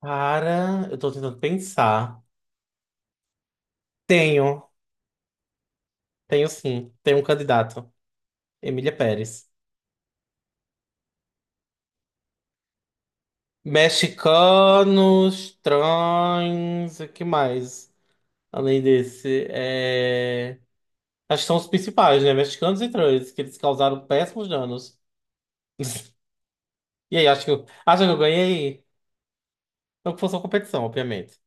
Cara, eu tô tentando pensar. Tenho, tenho sim. Tenho um candidato. Emília Pérez. Mexicanos, trans, o que mais? Além desse, acho que são os principais, né? Mexicanos e trans, que eles causaram péssimos danos. E aí, acho que eu ganhei. Não que fosse uma competição, obviamente.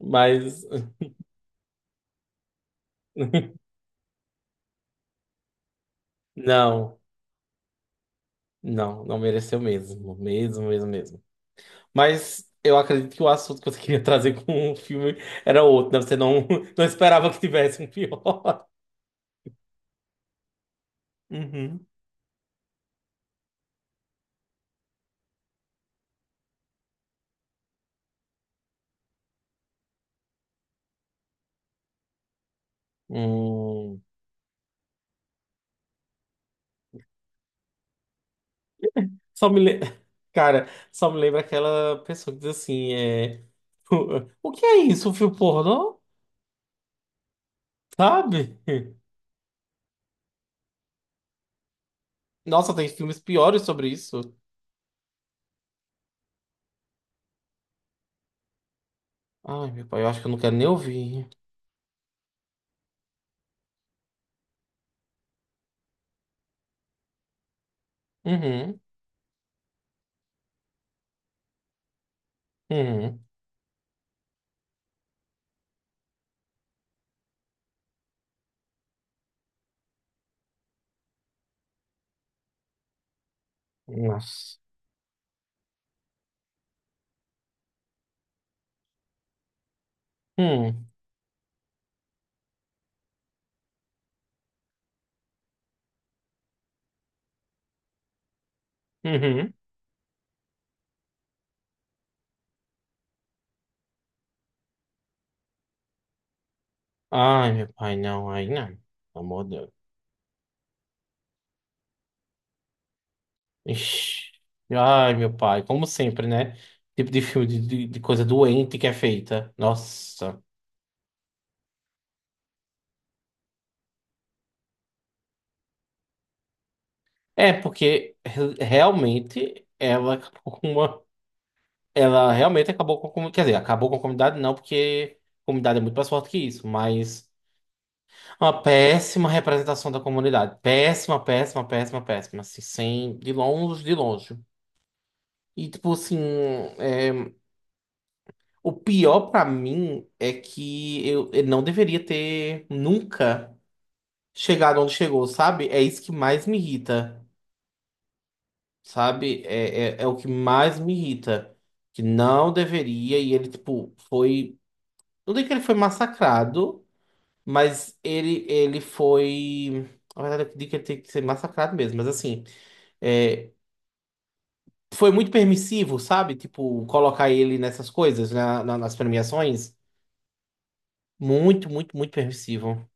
Mas não, não, não mereceu mesmo. Mesmo, mesmo, mesmo. Mas eu acredito que o assunto que você queria trazer com o filme era outro, né? Você não, não esperava que tivesse um pior. Uhum. Hum. Só me le... Cara, só me lembra aquela pessoa que diz assim, o que é isso, um filme pornô? Sabe? Nossa, tem filmes piores sobre isso. Ai, meu pai, eu acho que eu não quero nem ouvir. Uhum, uhum. Nossa. Hum, uhum. Ai, meu pai, não, aí não. Pelo Amor de Deus. Ixi. Ai, meu pai, como sempre, né? Tipo de filme de coisa doente que é feita. Nossa. É, porque realmente ela acabou com uma. Ela realmente acabou com a comunidade. Quer dizer, acabou com a comunidade, não, porque a comunidade é muito mais forte que isso, mas uma péssima representação da comunidade. Péssima, péssima, péssima, péssima. Assim, sem. De longe, de longe. E, tipo, assim. é, O pior pra mim é que eu não deveria ter nunca. Chegar onde chegou, sabe? É isso que mais me irrita, sabe? É o que mais me irrita. Que não deveria, e ele, tipo, foi. Não digo que ele foi massacrado, mas ele foi. Na verdade, eu digo que ele tem que ser massacrado mesmo, mas assim. é, Foi muito permissivo, sabe? Tipo, colocar ele nessas coisas, nas premiações. Muito, muito, muito permissivo.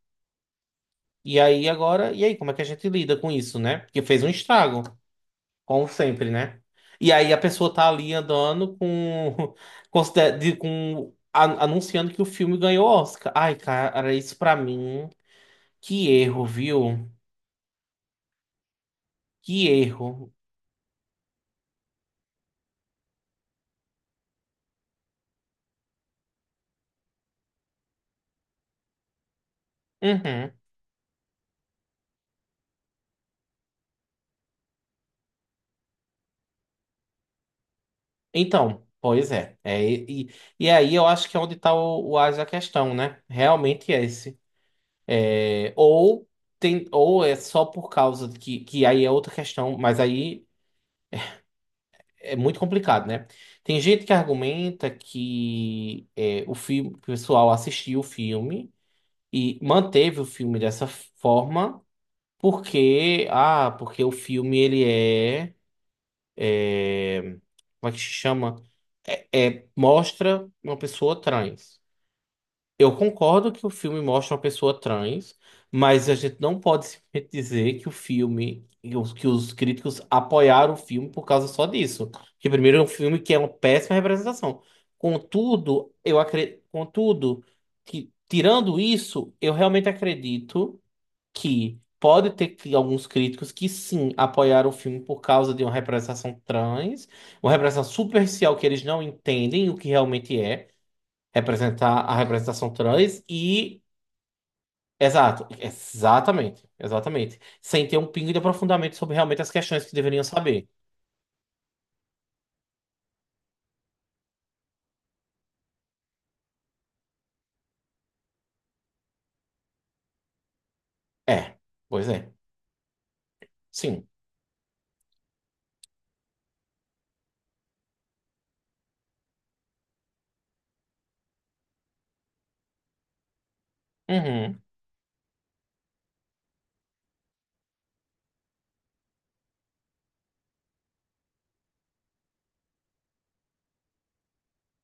E aí agora, e aí, como é que a gente lida com isso, né? Porque fez um estrago. Como sempre, né? E aí a pessoa tá ali andando com, anunciando que o filme ganhou Oscar. Ai, cara, isso pra mim, que erro, viu? Que erro. Uhum. Então, pois é. É, e aí eu acho que é onde tá o ás da questão, né? Realmente é esse. É, ou tem, ou é só por causa de que aí é outra questão, mas aí. É muito complicado, né? Tem gente que argumenta que o filme, o pessoal assistiu o filme e manteve o filme dessa forma porque o filme ele como é que se chama? É. Mostra uma pessoa trans. Eu concordo que o filme mostra uma pessoa trans, mas a gente não pode simplesmente dizer que os críticos apoiaram o filme por causa só disso. Porque primeiro é um filme que é uma péssima representação. Contudo, eu acredito, contudo, que tirando isso, eu realmente acredito que pode ter alguns críticos que sim apoiaram o filme por causa de uma representação trans, uma representação superficial que eles não entendem o que realmente é representar a representação trans e. Exato, exatamente, exatamente. Sem ter um pingo de aprofundamento sobre realmente as questões que deveriam saber. É, pois é, sim. Uhum.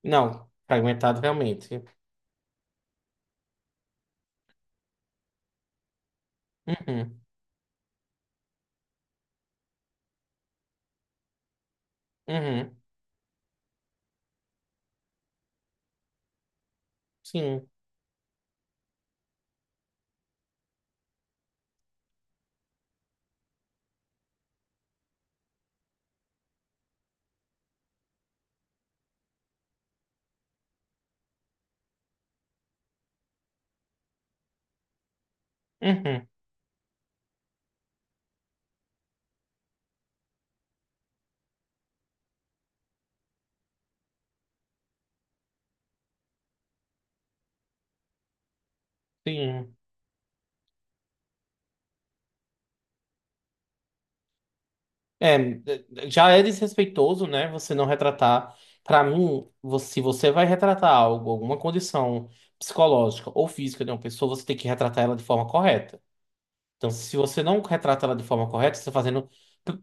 Não, fragmentado realmente. Uhum. Uhum. Sim. Uhum. Sim. É, já é desrespeitoso, né? Você não retratar. Pra mim, se você vai retratar algo, alguma condição psicológica ou física de uma pessoa, você tem que retratar ela de forma correta. Então, se você não retrata ela de forma correta, você está fazendo.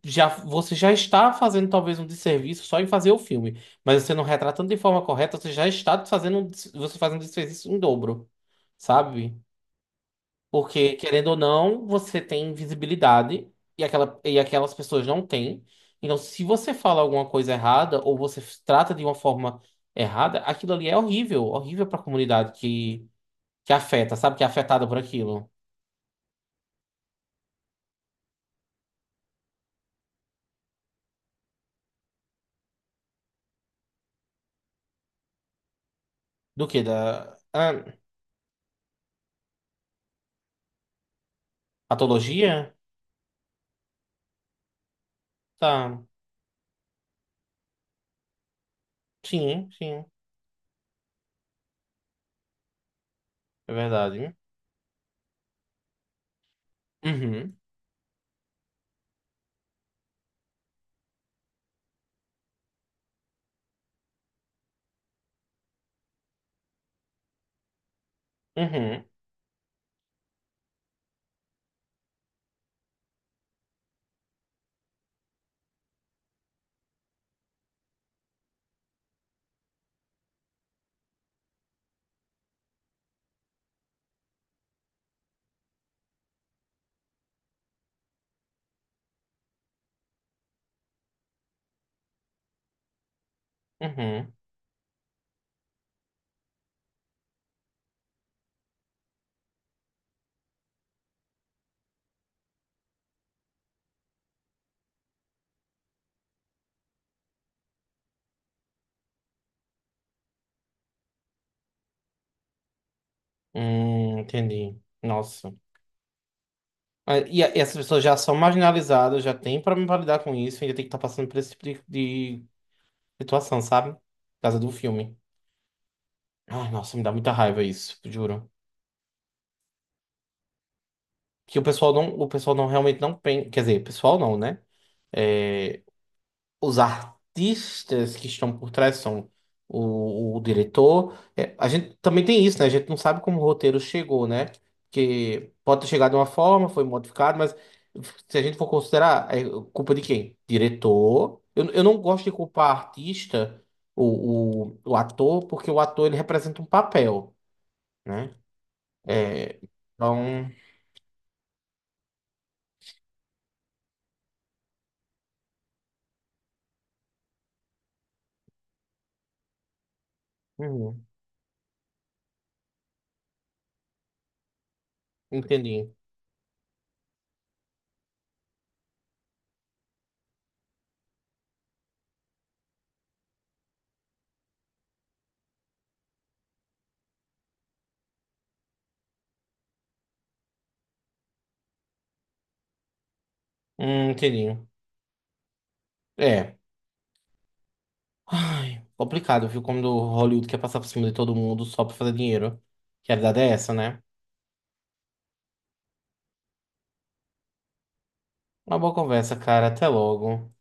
Já, você já está fazendo talvez um desserviço só em fazer o filme. Mas você não retratando de forma correta, você já está fazendo, você faz um desserviço em dobro, sabe? Porque, querendo ou não, você tem visibilidade e, aquelas pessoas não têm. Então, se você fala alguma coisa errada ou você trata de uma forma errada, aquilo ali é horrível, horrível para a comunidade que afeta, sabe? Que é afetada por aquilo. Do que? Da patologia? Tá. Sim, sim. É verdade. Uhum, uhum, uhum. Entendi. Nossa. Ah, e essas pessoas já são marginalizadas, já tem problema pra lidar com isso, ainda tem que estar passando por esse tipo de situação, sabe? Por causa do filme. Ai, nossa, me dá muita raiva isso, juro. Que o pessoal não realmente não pensa. Quer dizer, o pessoal não, né? É, os artistas que estão por trás são o, diretor. É, a gente também tem isso, né? A gente não sabe como o roteiro chegou, né? Que pode ter chegado de uma forma, foi modificado, mas se a gente for considerar, é culpa de quem? Diretor. Eu não gosto de culpar artista, o ator, porque o ator ele representa um papel, né? É, então, uhum, entendi. Entendi. É. Ai, complicado, viu? Como do Hollywood quer passar por cima de todo mundo só pra fazer dinheiro. Que a verdade é essa, né? Uma boa conversa, cara. Até logo.